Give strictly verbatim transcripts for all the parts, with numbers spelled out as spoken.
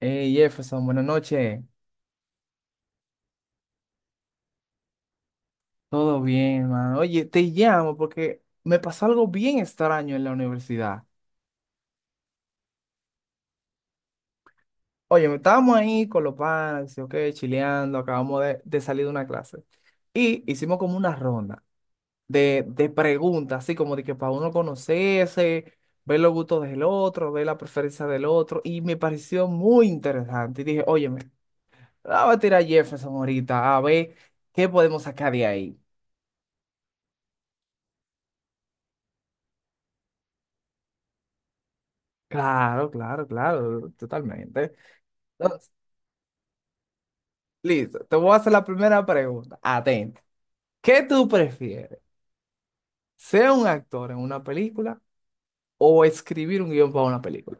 Hey Jefferson, buenas noches. Todo bien, mano. Oye, te llamo porque me pasó algo bien extraño en la universidad. Oye, me estábamos ahí con los panas, ok, chileando, acabamos de, de salir de una clase. Y hicimos como una ronda de, de preguntas, así como de que para uno conocerse, ver los gustos del otro, ver la preferencia del otro. Y me pareció muy interesante. Y dije, oye, me la voy a tirar a Jefferson ahorita a ver qué podemos sacar de ahí. Claro, claro, claro, totalmente. Entonces, listo, te voy a hacer la primera pregunta. Atenta. ¿Qué tú prefieres? ¿Ser un actor en una película o escribir un guión para una película?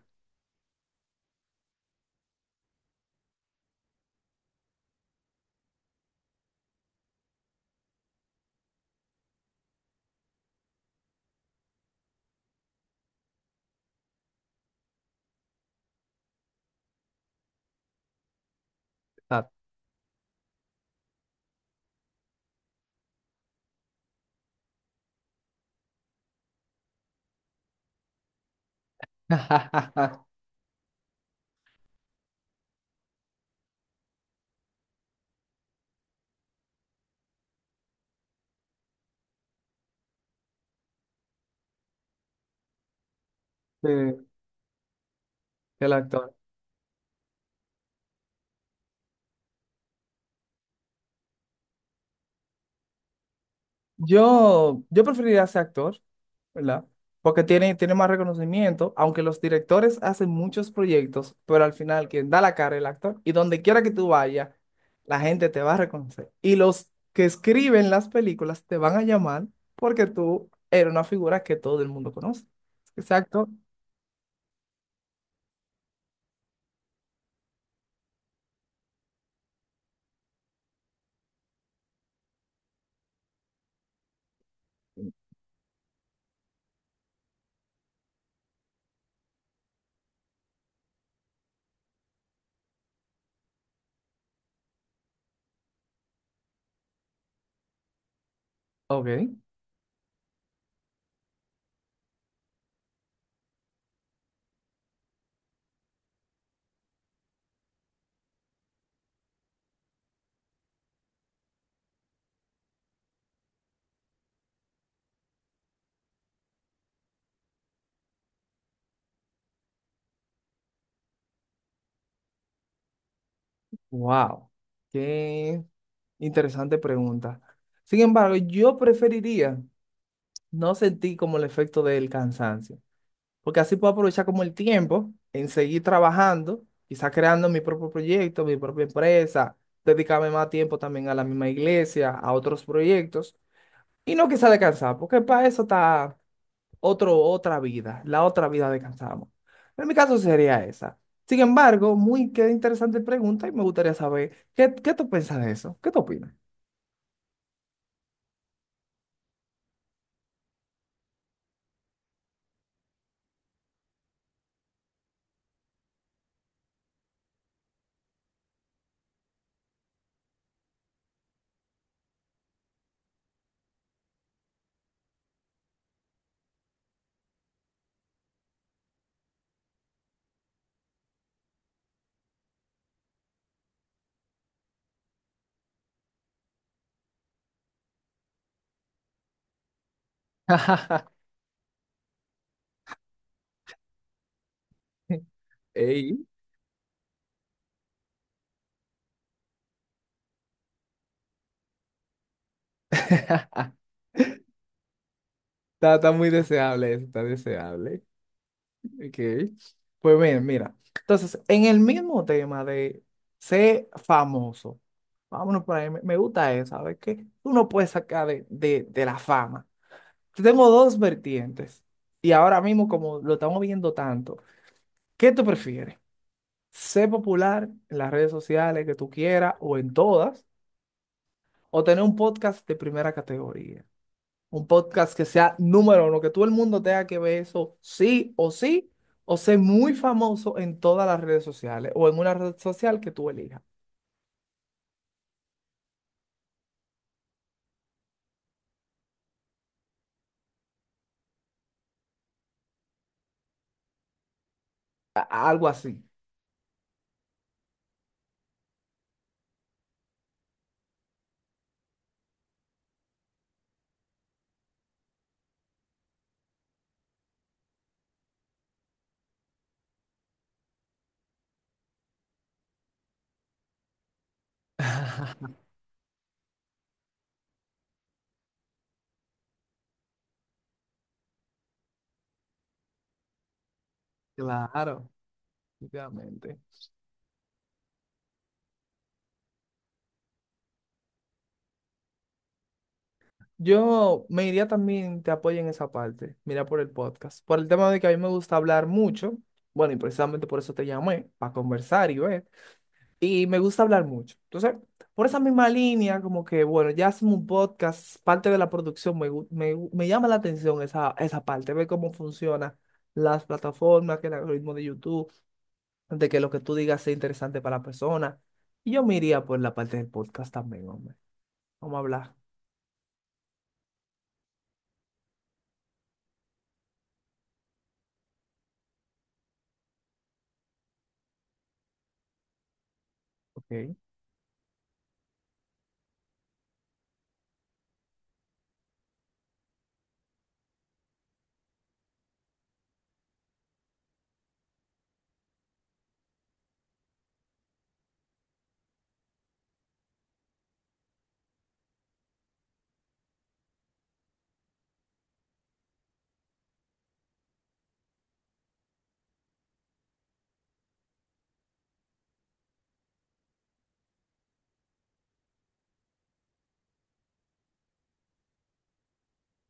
Ah. Sí, el actor. Yo, yo preferiría ser actor, ¿verdad? Porque tiene, tiene más reconocimiento, aunque los directores hacen muchos proyectos, pero al final quien da la cara es el actor. Y donde quiera que tú vayas, la gente te va a reconocer. Y los que escriben las películas te van a llamar porque tú eres una figura que todo el mundo conoce. Exacto. Ok. Wow. Qué interesante pregunta. Sin embargo, yo preferiría no sentir como el efecto del cansancio, porque así puedo aprovechar como el tiempo en seguir trabajando, quizás creando mi propio proyecto, mi propia empresa, dedicarme más tiempo también a la misma iglesia, a otros proyectos, y no quizás descansar, porque para eso está otro, otra vida, la otra vida descansamos. En mi caso sería esa. Sin embargo, muy qué interesante pregunta y me gustaría saber, ¿qué, qué tú piensas de eso? ¿Qué tú opinas? Ey. Está, está muy deseable eso, está deseable. Ok. Pues bien, mira. Entonces, en el mismo tema de ser famoso, vámonos por ahí, me, me gusta eso, ¿sabes qué? Uno puede sacar de, de, de la fama. Tenemos dos vertientes y ahora mismo como lo estamos viendo tanto, ¿qué tú prefieres? ¿Ser popular en las redes sociales que tú quieras o en todas? ¿O tener un podcast de primera categoría? Un podcast que sea número uno, que todo el mundo tenga que ver eso sí o sí, o ser muy famoso en todas las redes sociales o en una red social que tú elijas. A- Algo así. Claro, obviamente. Yo me iría también, te apoyo en esa parte, mira, por el podcast, por el tema de que a mí me gusta hablar mucho, bueno, y precisamente por eso te llamé, para conversar y ver, y me gusta hablar mucho. Entonces, por esa misma línea, como que, bueno, ya hacemos un podcast, parte de la producción, me, gu- me, gu- me llama la atención esa, esa parte, ver cómo funcionan las plataformas, que el algoritmo de YouTube, de que lo que tú digas sea interesante para la persona. Y yo me iría por la parte del podcast también, hombre. Vamos a hablar. Ok.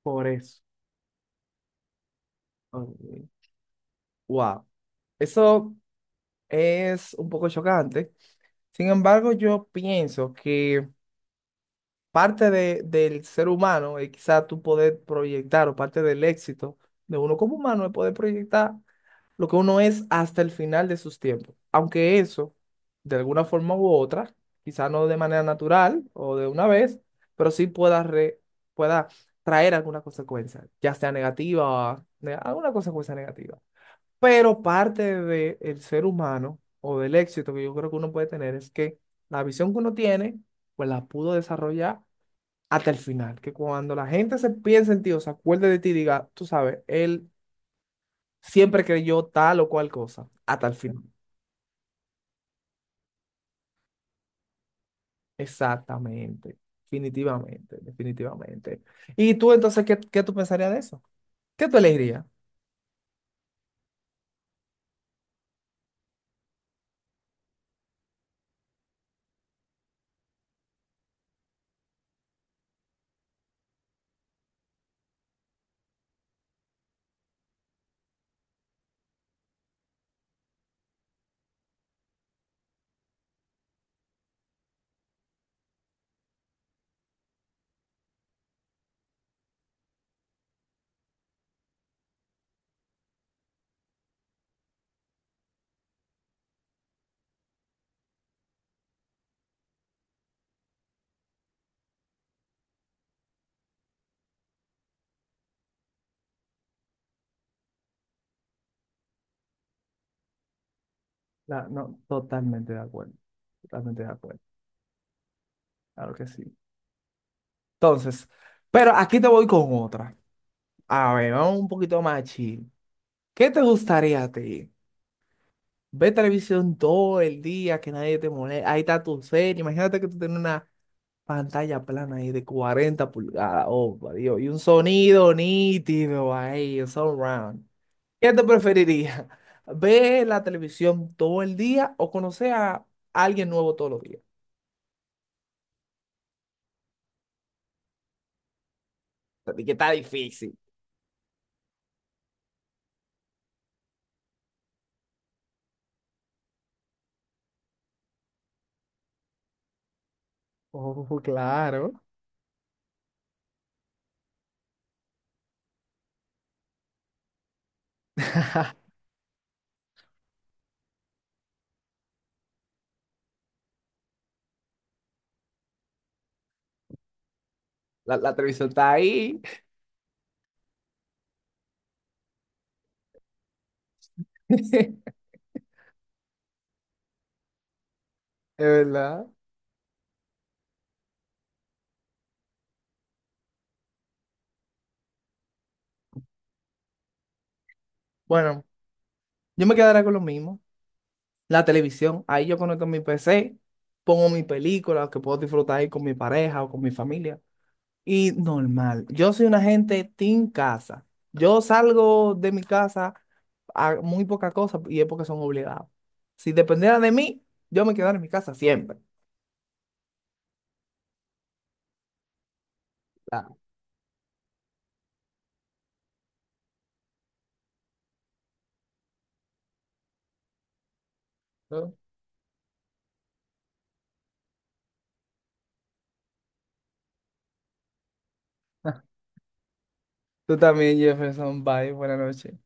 Por eso. Ok. Wow. Eso es un poco chocante. Sin embargo, yo pienso que parte de- del ser humano y quizás tú poder proyectar o parte del éxito de uno como humano es poder proyectar lo que uno es hasta el final de sus tiempos. Aunque eso, de alguna forma u otra, quizás no de manera natural o de una vez, pero sí pueda, re- pueda traer alguna consecuencia, ya sea negativa o ne- alguna consecuencia negativa. Pero parte del ser humano o del éxito que yo creo que uno puede tener es que la visión que uno tiene, pues la pudo desarrollar hasta el final, que cuando la gente se piense en ti o se acuerde de ti, diga, tú sabes, él siempre creyó tal o cual cosa, hasta el final. Exactamente, definitivamente, definitivamente. Y tú entonces, qué, qué tú pensarías de eso? ¿Qué tú elegirías? La- no, totalmente de acuerdo, totalmente de acuerdo, claro que sí. Entonces, pero aquí te voy con otra. A ver, vamos un poquito más chill. ¿Qué te gustaría a ti? Ver televisión todo el día, que nadie te moleste. Ahí está tu serie. Imagínate que tú tienes una pantalla plana ahí de cuarenta pulgadas, oh, por Dios, y un sonido nítido ahí, un surround. ¿Qué te preferiría? ¿Ver la televisión todo el día o conocer a alguien nuevo todos los días? O sea, de que está difícil. Oh, claro. La, la televisión está ahí. Es verdad. Bueno, yo me quedaré con lo mismo. La televisión, ahí yo conecto mi P C, pongo mi película que puedo disfrutar ahí con mi pareja o con mi familia. Y normal. Yo soy una gente team casa. Yo salgo de mi casa a muy poca cosa y es porque son obligados. Si dependiera de mí, yo me quedaría en mi casa siempre. Claro. Tú también, Jefferson. Bye. Buenas noches.